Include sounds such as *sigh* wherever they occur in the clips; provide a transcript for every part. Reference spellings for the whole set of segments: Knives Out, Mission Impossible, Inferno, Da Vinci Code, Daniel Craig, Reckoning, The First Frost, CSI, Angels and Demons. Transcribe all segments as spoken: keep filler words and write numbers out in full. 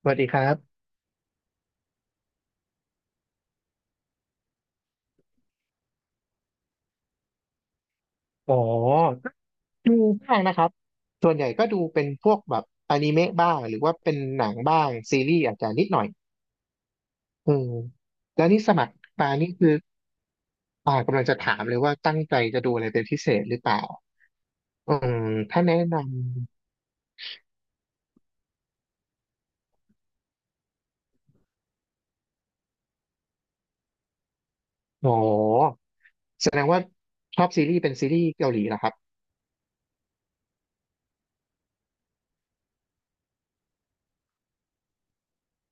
สวัสดีครับอ๋อดูบ้างนะครับส่วนใหญ่ก็ดูเป็นพวกแบบอนิเมะบ้างหรือว่าเป็นหนังบ้างซีรีส์อาจจะนิดหน่อยอืมแล้วนี่สมัครมานี่คืออ่ากำลังจะถามเลยว่าตั้งใจจะดูอะไรเป็นพิเศษหรือเปล่าอืมถ้าแนะนำอ๋อแสดงว่าชอบซีรีส์เป็นซีรีส์เกาหลีเหรอครับ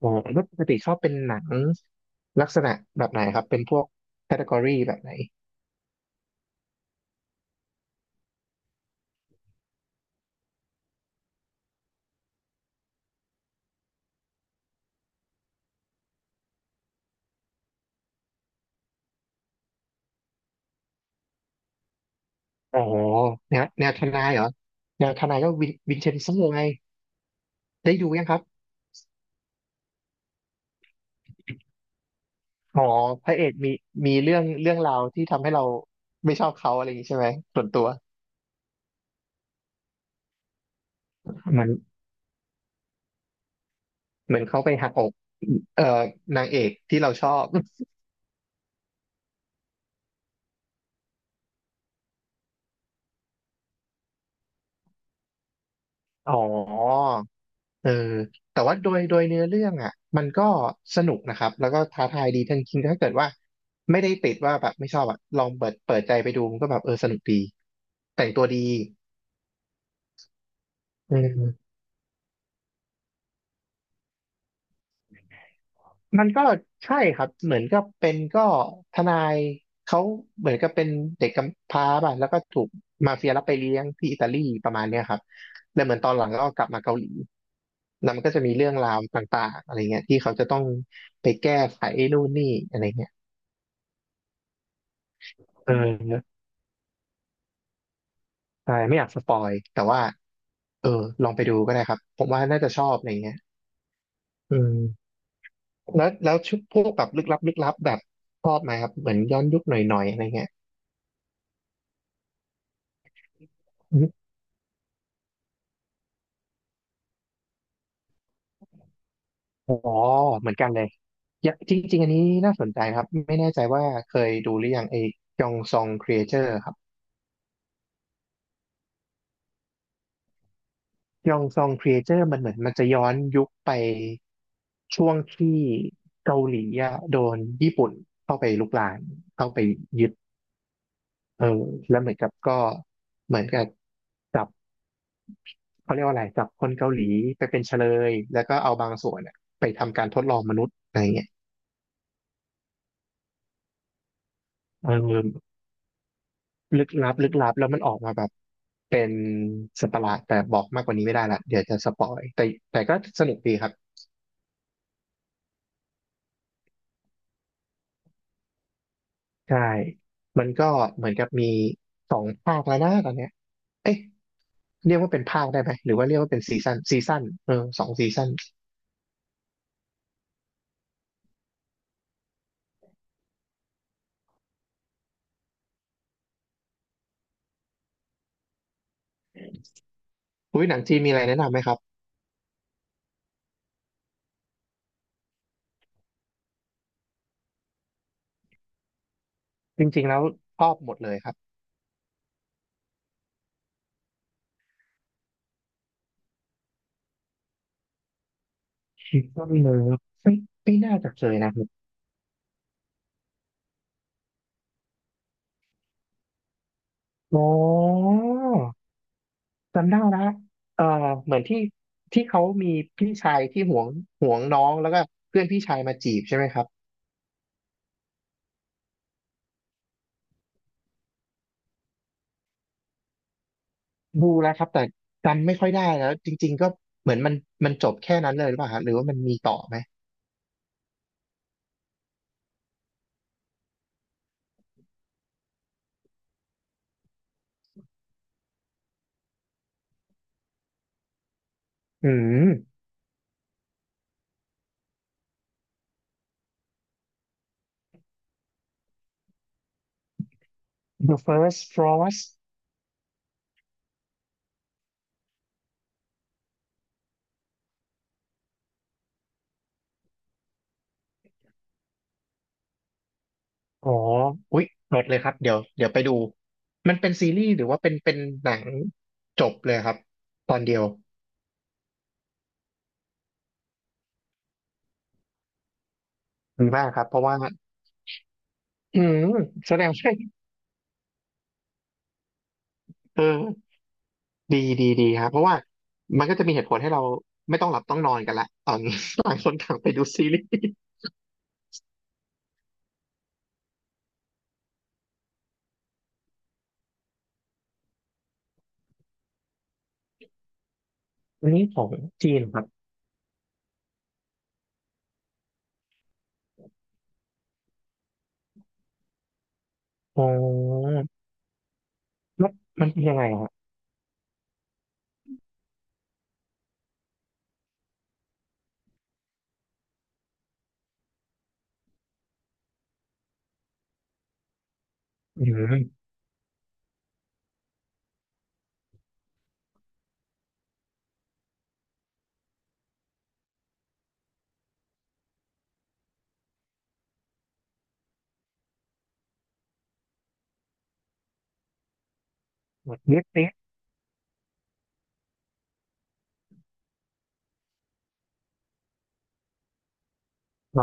อ๋อแล้วปกติชอบเป็นหนังลักษณะแบบไหนครับเป็นพวกแคตตา o r y แบบไหนอ๋อแนวแนวทนายเหรอแนวทนายก็วินวินเชนโซไง ได้ดูยังครับอ๋อพระเอกมีมีเรื่องเรื่องราวที่ทำให้เราไม่ชอบเขาอะไรอย่างนี้ใช่ไหมส่วนตัวเหมือนเหมือนเขาไปหักอกเอ่อนางเอกที่เราชอบอ๋อเออแต่ว่าโดยโดยเนื้อเรื่องอ่ะมันก็สนุกนะครับแล้วก็ท้าทายดีทั้งจริงๆถ้าเกิดว่าไม่ได้ติดว่าแบบไม่ชอบอ่ะลองเปิดเปิดใจไปดูมันก็แบบเออสนุกดีแต่งตัวดีอืม มันก็ใช่ครับเหมือนก็เป็นก็ทนายเขาเหมือนกับเป็นเด็กกำพร้าป่ะแล้วก็ถูกมาเฟียรับไปเลี้ยงที่อิตาลีประมาณเนี้ยครับแล้วเหมือนตอนหลังก็กลับมาเกาหลีแล้วมันก็จะมีเรื่องราวต่างๆอะไรเงี้ยที่เขาจะต้องไปแก้ไขนู่นนี่อะไรเงี้ยเออใช่ไม่อยากสปอยแต่ว่าเออลองไปดูก็ได้ครับผมว่าน่าจะชอบอะไรเงี้ยอืมแล้วแล้วชุดพวกแบบลึกลับลึกลับแบบชอบไหมครับเหมือนย้อนยุคหน่อยๆอะไรเงี้ย อ๋อเหมือนกันเลยอย่าจริงๆอันนี้น่าสนใจครับไม่แน่ใจว่าเคยดูหรือยังไอ้ยองซองครีเอเตอร์ครับยองซองครีเอเตอร์มันเหมือนมันจะย้อนยุคไปช่วงที่เกาหลีอะโดนญี่ปุ่นเข้าไปลุกรานเข้าไปยึดเออแล้วเหมือนกับก็เหมือนกับจับเขาเรียกว่าอะไรจับคนเกาหลีไปเป็นเฉลยแล้วก็เอาบางส่วนอะไปทำการทดลองมนุษย์อะไรเงี้ยเออ ลึกลับลึกลับแล้วมันออกมาแบบเป็นสัตว์ประหลาดแต่บอกมากกว่านี้ไม่ได้ละเดี๋ยวจะสปอยแต่แต่ก็สนุกดีครับใช่มันก็เหมือนกับมีสองภาคแล้วนะตอนเนี้ยเอ๊ะเรียกว่าเป็นภาคได้ไหมหรือว่าเรียกว่าเป็นซีซั่นซีซั่นเออสองซีซั่นอุ้ยหนังจีนมีอะไรแนะนำไหมครับจริงๆแล้วชอบหมดเลยครับ *laughs* คิดว่าเลิฟไม่ไม่น่าจะเคยนะครับอ๋อ จำได้นะเอ่อเหมือนที่ที่เขามีพี่ชายที่หวงหวงน้องแล้วก็เพื่อนพี่ชายมาจีบใช่ไหมครับดูแล้วครับแต่จำไม่ค่อยได้แล้วจริงๆก็เหมือนมันมันจบแค่นั้นเลยหรือเปล่าฮะหรือว่ามันมีต่อไหมอืม The First Frost อ๋ออุ๊ยหมดเลยครับเดี๋ยวเดี๋ยวไปดู มันเป็นซีรีส์หรือว่าเป็นเป็นหนังจบเลยครับตอนเดียวดีมากครับเพราะว่าอืมแสดงว่าเออ ดีดีดีครับเพราะว่ามันก็จะมีเหตุผลให้เราไม่ต้องหลับต้องนอนกันละตอน *laughs* นี้ *laughs* ต่างคนต่างไปดูซีรีส์อันนี้ของจีนครับอ๋อแล้วมันเป็นยังไงฮะอืมเน็ตเน็ตหรอ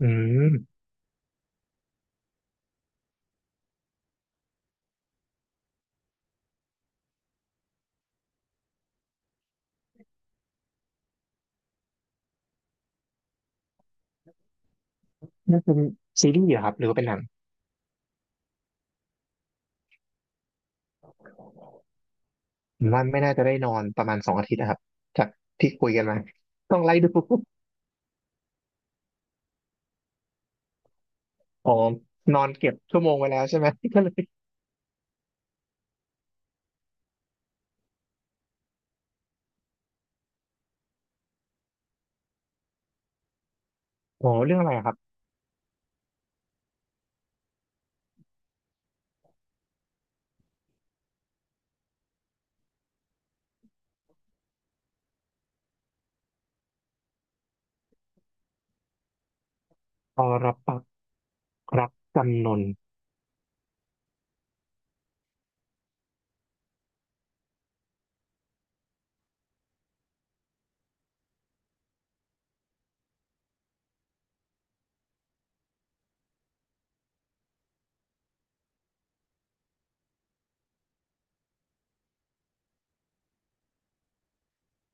อืมน่าจะเป็นซีรีส์เหรอครับหรือว่าเป็นหนังผมว่าไม่น่าจะได้นอนประมาณสองอาทิตย์นะครับจากที่คุยกันมาต้องไล่ดู *laughs* อ๋อนอนเก็บชั่วโมงไว้แล้วใช่ไหมก็เลย *laughs* อ๋อเรื่องอะไรอะครับอรปักษ์รักจำนน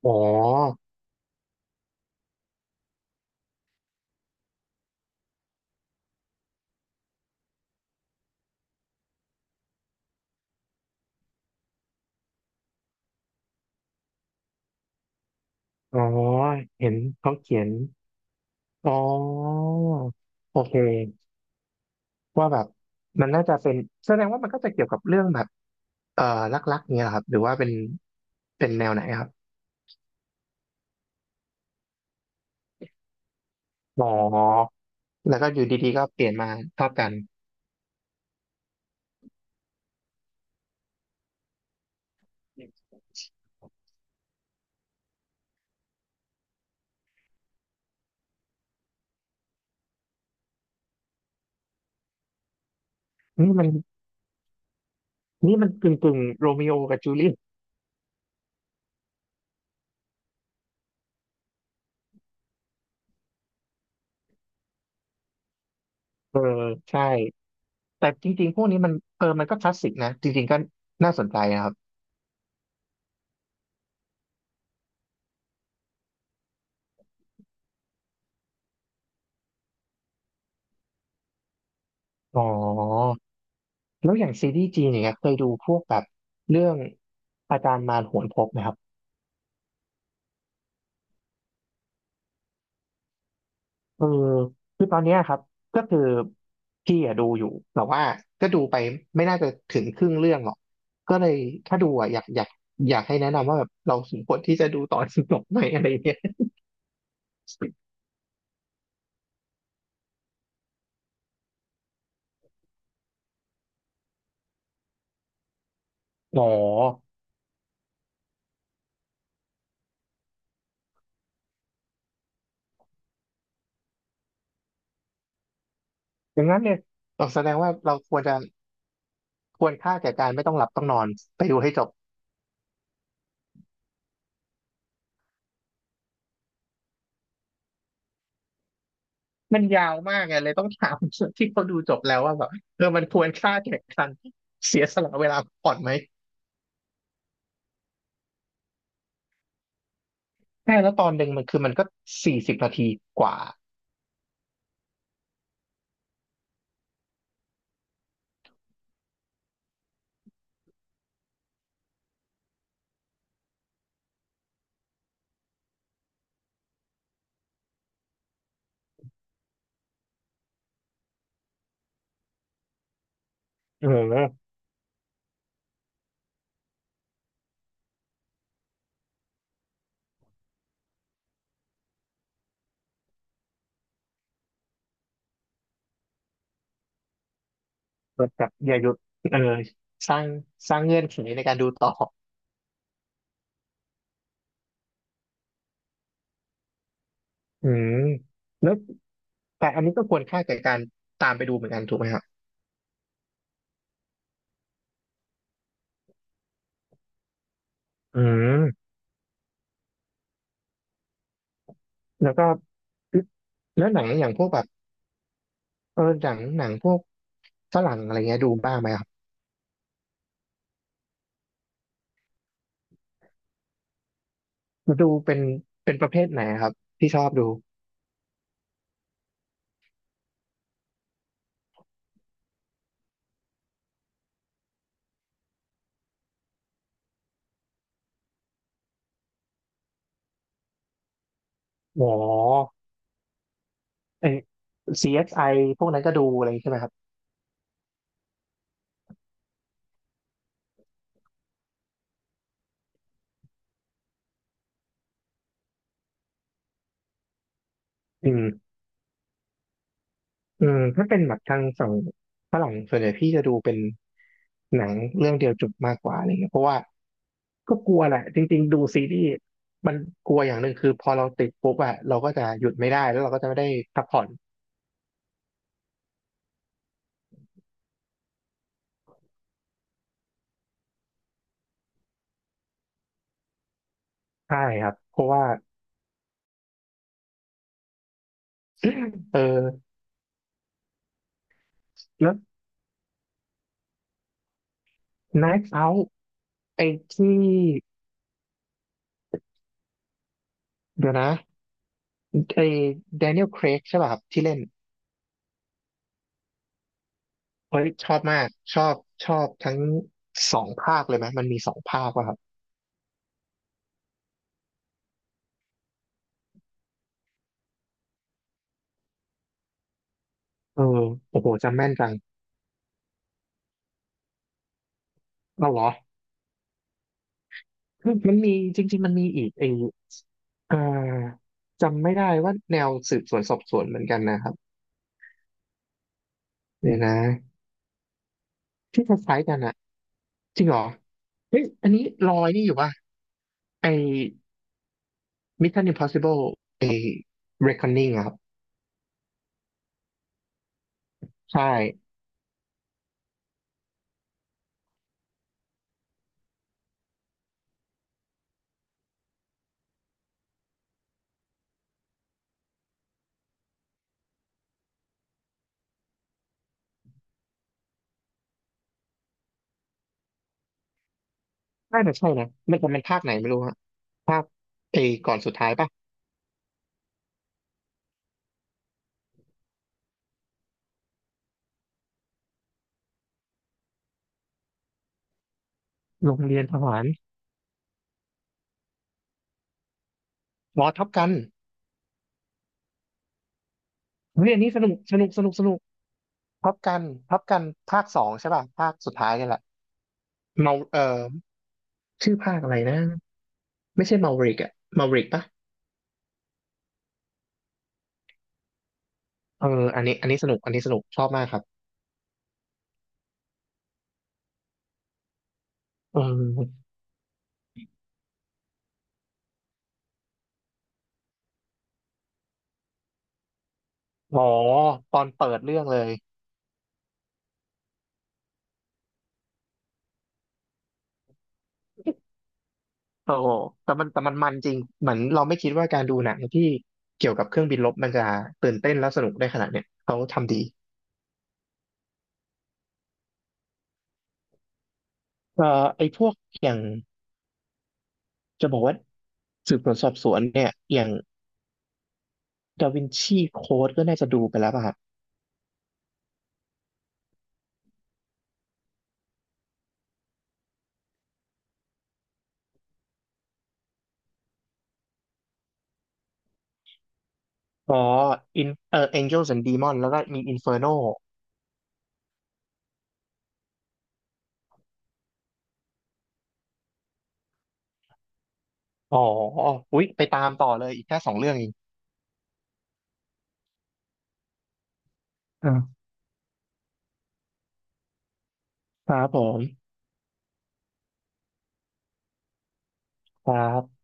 อ๋ออ๋อเห็นเขาเขียน อ๋อโอเคว่าแบบมันน่าจะเป็นแสดงว่ามันก็จะเกี่ยวกับเรื่องแบบเอ่อรักๆเนี่ยครับหรือว่าเป็นเป็นแนวไหนครับอ๋อแล้วก็อยู่ดีๆก็เปลี่ยนมาชอบกันนี่มันนี่มันกึ่งกึ่งโรมิโอกับจูเลียตใช่แต่จริงๆพวกนี้มันเออมันก็คลาสสิกนะจริงๆก็น่าสนใจนะครับอ๋อแล้วอย่างซีรีส์จีนอย่างเงี้ยเคยดูพวกแบบเรื่องอาจารย์มารโหนพบไหมครับ เออคือตอนเนี้ยครับก็คือพี่อะดูอยู่แต่ว่าก็ดูไปไม่น่าจะถึงครึ่งเรื่องหรอกก็เลยถ้าดูอะอยากอยากอยากให้แนะนำว่าแบบเราสมควรที่จะดูตอนจบไหมอะไรเงี้ย *laughs* อ๋ออย่างนั้นเนี่ยเราแสดงว่าเราควรจะควรค่าแก่การไม่ต้องหลับต้องนอนไปดูให้จบมันยาวมากไงเลยต้องถามที่เขาดูจบแล้วว่าแบบเออมันควรค่าแก่การเสียสละเวลาก่อนไหมใช่แล้วตอนหนึ่งมันคือมันก็สี่สิบนาทีกว่าเออ แบบอย่าหยุดเออสร้างสร้างเงื่อนไขในการดูต่ออืมแล้วแต่อันนี้ก็ควรค่าแก่การตามไปดูเหมือนกันถูกไหมครับอืมแล้วก็แล้วหนังอย่างพวกแบบเออหนังหนังพวกฝรั่งอะไรเงี้ยดูบ้างไหมครับดูเป็นเป็นประเภทไหนครับที่ชอบดูอ๋อไอ ซี เอส ไอ พวกนั้นก็ดูอะไรใช่ไหมครับอืม อืมถ้าเป็นแบบทางฝั่งฝรั่งส่วนใหญ่พี่จะดูเป็นหนังเรื่องเดียวจบมากกว่าอะไรเงี้ยเพราะว่าก็กลัวแหละจริงๆดูซีรีส์มันกลัวอย่างหนึ่งคือพอเราติดปุ๊บอะเราก็จะหยุดไม่ได้แล้วเราก็จะไม่ได้พักผ่อนใช่ครับเพราะว่าเออแล้ว Knives Out ไอ้ที่เดี๋ยวนะไอ้ Daniel Craig ใช่ป่ะครับที่เล่นเฮ้ยชอบมากชอบชอบทั้งสองภาคเลยไหมมันมีสองภาคป่ะครับเออโอ้โหจำแม่นจังเอาเหรอ คือมันมีจริงๆมันมีอีกไอเอ่อจำไม่ได้ว่าแนวสืบสวนสอบสวนเหมือนกันนะครับเดี๋ยวนะที่คล้ายๆกันอะจริงเหรอเฮ้ยอันนี้ลอยนี่อยู่ป่ะไอ้ Mission Impossible ไอ้ Reckoning อะครับใช่น่าจะใช่นะมันจะเป็นภาคไหนไม่รู้ฮะภาคไอ้ก่อนสุดท้ายป่ะโรงเรียนทหารอ๋อท็อปกันเฮ้ยอันนี้สนุกสนุกสนุกสนุกท็อปกันท็อปกันภาคสองใช่ป่ะภาคสุดท้ายนี่แหละเมาเอ่อชื่อภาคอะไรนะ ไม่ใช่มา วี อี ริกอะมาริกปะเอออันนี้อันนี้สนุกอันนี้สนุกชอบมากครับเอออ๋อตอนเปิดเรื่องเลยโอ้โหแต่มันแต่มันมันจริงเหมือนเราไม่คิดว่าการดูหนังที่เกี่ยวกับเครื่องบินรบมันจะตื่นเต้นและสนุกได้ขนาดเนี้ยเขาทำดีเอ่อไอ้พวกอย่างจะบอกว่าสืบสวนสอบสวนเนี่ยอย่างดาวินชีโค้ดก็น่าจะดูไปแล้วป่ะครับอ๋ออินเอ่อ Angels and ดี อี เอ็ม โอ เอ็น แล้วก็มี Inferno อ๋ออุ๊ยไปตามต่อเลยอีกแค่สองเรื่องเองอ่าครับผมครับ